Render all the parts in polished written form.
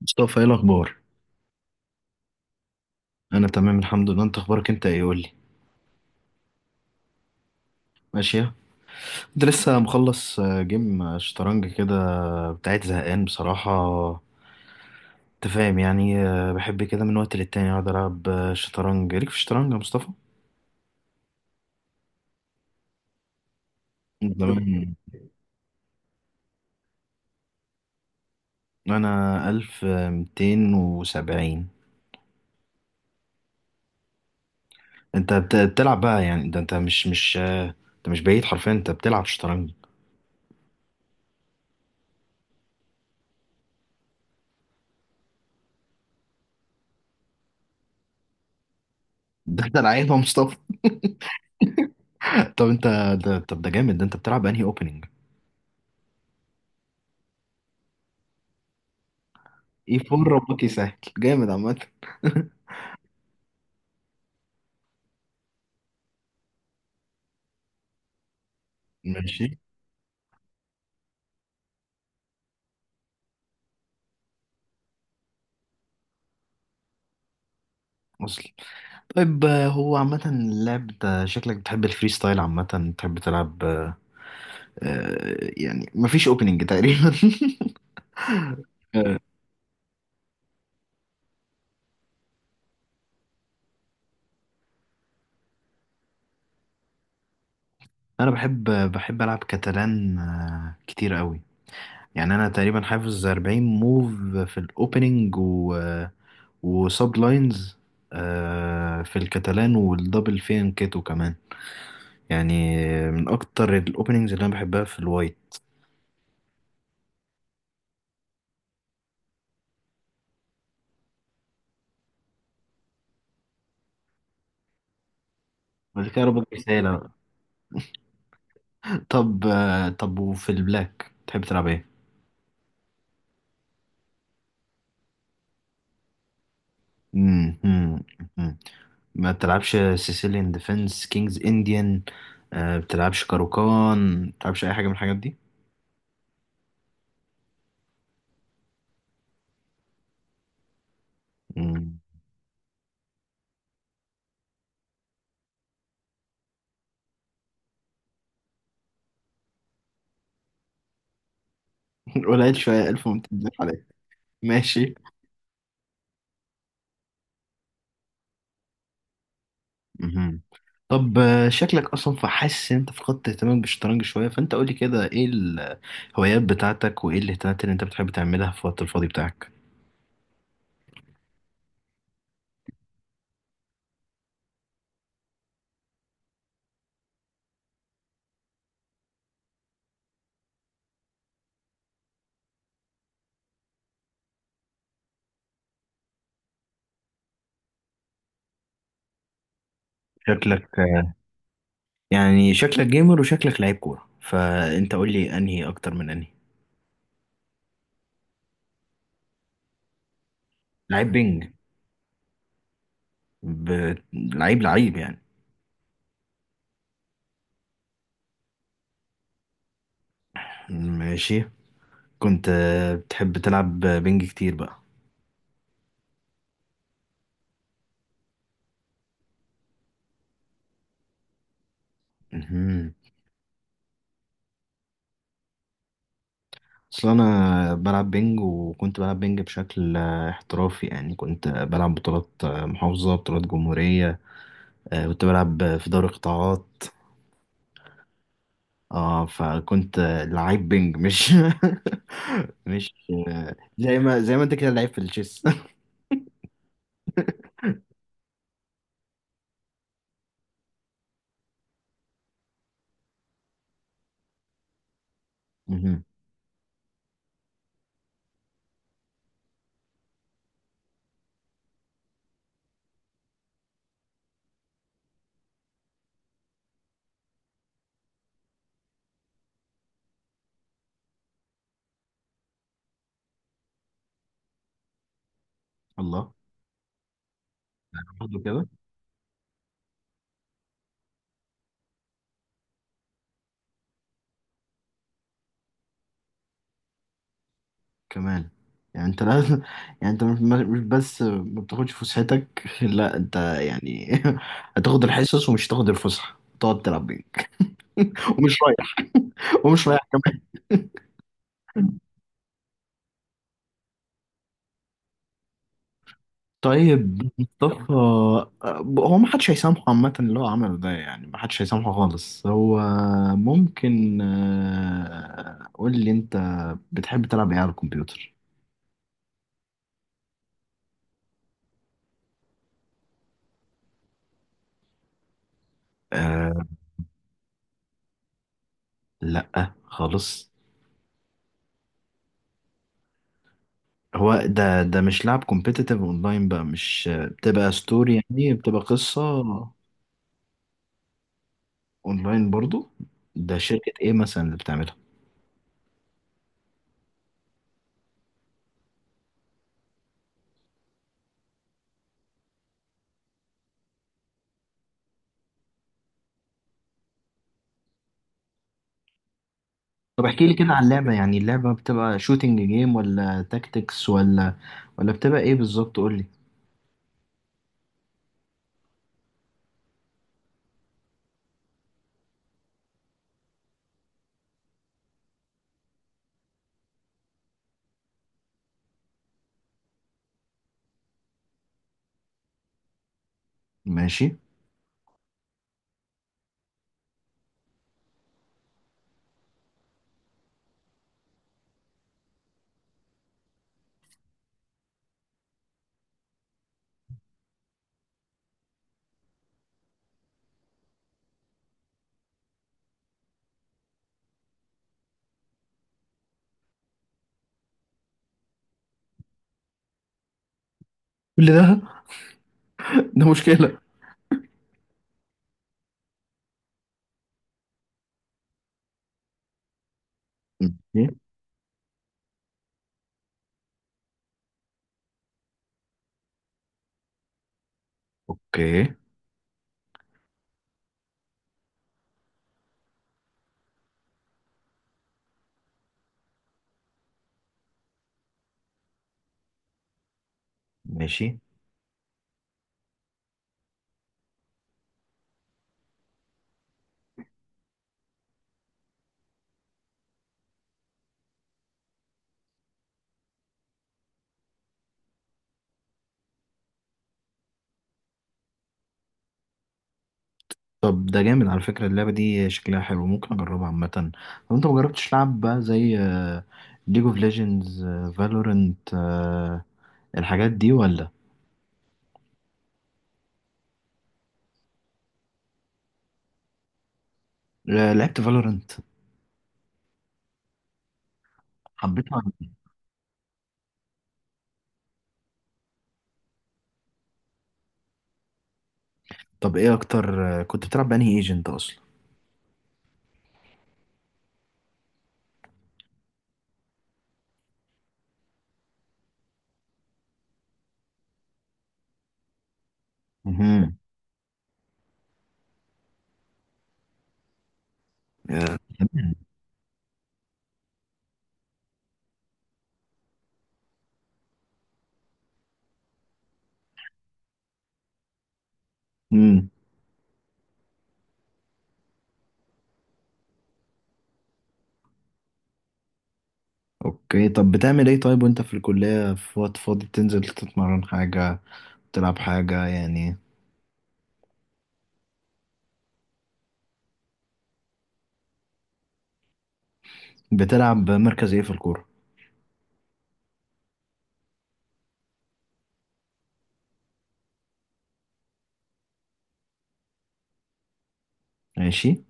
مصطفى، ايه الاخبار؟ انا تمام الحمد لله. انت اخبارك انت ايه؟ قول لي. ماشيه. انت لسه مخلص جيم شطرنج كده؟ بتاعت زهقان بصراحه. انت فاهم يعني، بحب كده من وقت للتاني اقعد العب شطرنج. ليك في الشطرنج يا مصطفى؟ من زمان؟ انا 1270. انت بتلعب بقى يعني، ده انت مش انت مش بعيد حرفيا، انت بتلعب شطرنج. ده انت لعيب يا مصطفى. طب انت. طب ده جامد، ده انت بتلعب انهي اوبننج؟ اي 4، ربك يسهل. جامد عامه. ماشي. وصل. طيب، هو عامة اللعب ده شكلك بتحب الفري ستايل عامة. بتحب تلعب يعني مفيش اوبننج تقريبا. آه، انا بحب. العب كاتالان كتير قوي. يعني انا تقريبا حافظ 40 موف في الاوبننج، وسب لاينز في الكاتالان والدبل فين كيتو كمان. يعني من اكتر الاوبننجز اللي انا بحبها في الوايت. بعد كده ربط رسالة. طب وفي البلاك تحب تلعب ايه؟ مم، مم، مم. ما بتلعبش سيسيليان ديفنس كينجز انديان؟ بتلعبش كاروكان؟ بتلعبش اي حاجه من الحاجات دي؟ مم. قليل شويه 1200 عليك. ماشي. مهم. طب، شكلك اصلا فحاسس ان انت فقدت اهتمامك بالشطرنج شويه. فانت قولي كده، ايه الهوايات بتاعتك وايه الاهتمامات اللي انت بتحب تعملها في الوقت الفاضي بتاعك؟ شكلك آه، يعني شكلك جيمر وشكلك لعيب كوره، فانت قولي انهي اكتر من انهي. لعيب بينج؟ ب... لعيب لعيب يعني. ماشي. كنت بتحب تلعب بينج كتير بقى؟ مهم. اصل انا بلعب بينج، وكنت بلعب بينج بشكل احترافي. يعني كنت بلعب بطولات محافظة، بطولات جمهورية. كنت بلعب في دوري قطاعات. اه، فكنت لعيب بينج مش. مش. زي ما انت كده لعيب في التشيس. مهم. الله. برضه. كمان. يعني انت لازم، يعني انت مش بس ما بتاخدش فسحتك. لا انت يعني. هتاخد الحصص ومش هتاخد الفسحة، تقعد تلعب بينج. ومش رايح. ومش رايح كمان. طيب مصطفى. هو ما حدش هيسامحه عامة، اللي هو عمله ده يعني ما حدش هيسامحه خالص. هو ممكن قول لي انت بتحب تلعب ايه على الكمبيوتر. آه. لا خالص. هو ده مش لعب كومبيتيتيف اونلاين بقى، مش بتبقى ستوري يعني، بتبقى قصة؟ اونلاين برضو. ده شركة ايه مثلا اللي بتعملها؟ طب احكي لي كده عن اللعبة، يعني اللعبة بتبقى شوتينج جيم ولا تاكتكس ولا بتبقى ايه بالظبط؟ قول لي. ماشي. كل ده. ده مشكلة. ماشي. اوكي. ماشي. طب ده جامد على فكرة، اللعبة دي شكلها حلو، ممكن اجربها عامة. طب انت مجربتش لعب بقى زي ليج اوف ليجندز، فالورنت، الحاجات دي ولا؟ لعبت فالورنت؟ حبيتها ولا؟ طب ايه اكتر كنت بتلعب بأنهي ايجنت اصلا؟ امم. امم. اوكي. طب بتعمل ايه طيب وانت في الكلية في وقت فاضي؟ بتنزل تتمرن حاجة؟ تلعب حاجة يعني؟ بتلعب مركز ايه في الكورة؟ ماشي.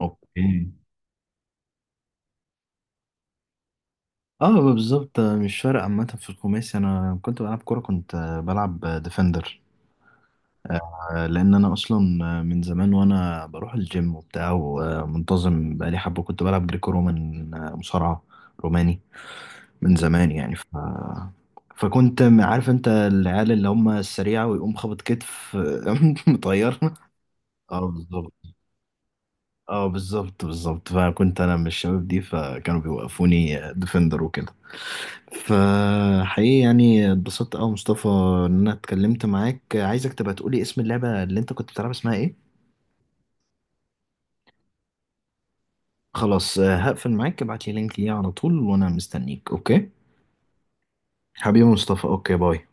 اوكي. اه بالظبط، مش فارق عامة في الخماسي. انا كنت بلعب كورة، كنت بلعب ديفندر. لان انا اصلا من زمان وانا بروح الجيم وبتاع ومنتظم بقالي حبه، كنت بلعب جريكو رومان، مصارعه روماني من زمان، يعني فكنت عارف انت العيال اللي هم السريعه ويقوم خبط كتف. مطير. اه بالظبط. اه بالظبط بالظبط، فكنت انا من الشباب دي، فكانوا بيوقفوني ديفندر وكده. فحقيقي يعني اتبسطت قوي مصطفى ان انا اتكلمت معاك. عايزك تبقى تقولي اسم اللعبه اللي انت كنت بتلعب اسمها ايه. خلاص، هقفل معاك، ابعت لي لينك ليه على طول وانا مستنيك. اوكي؟ حبيبي مصطفى. اوكي باي.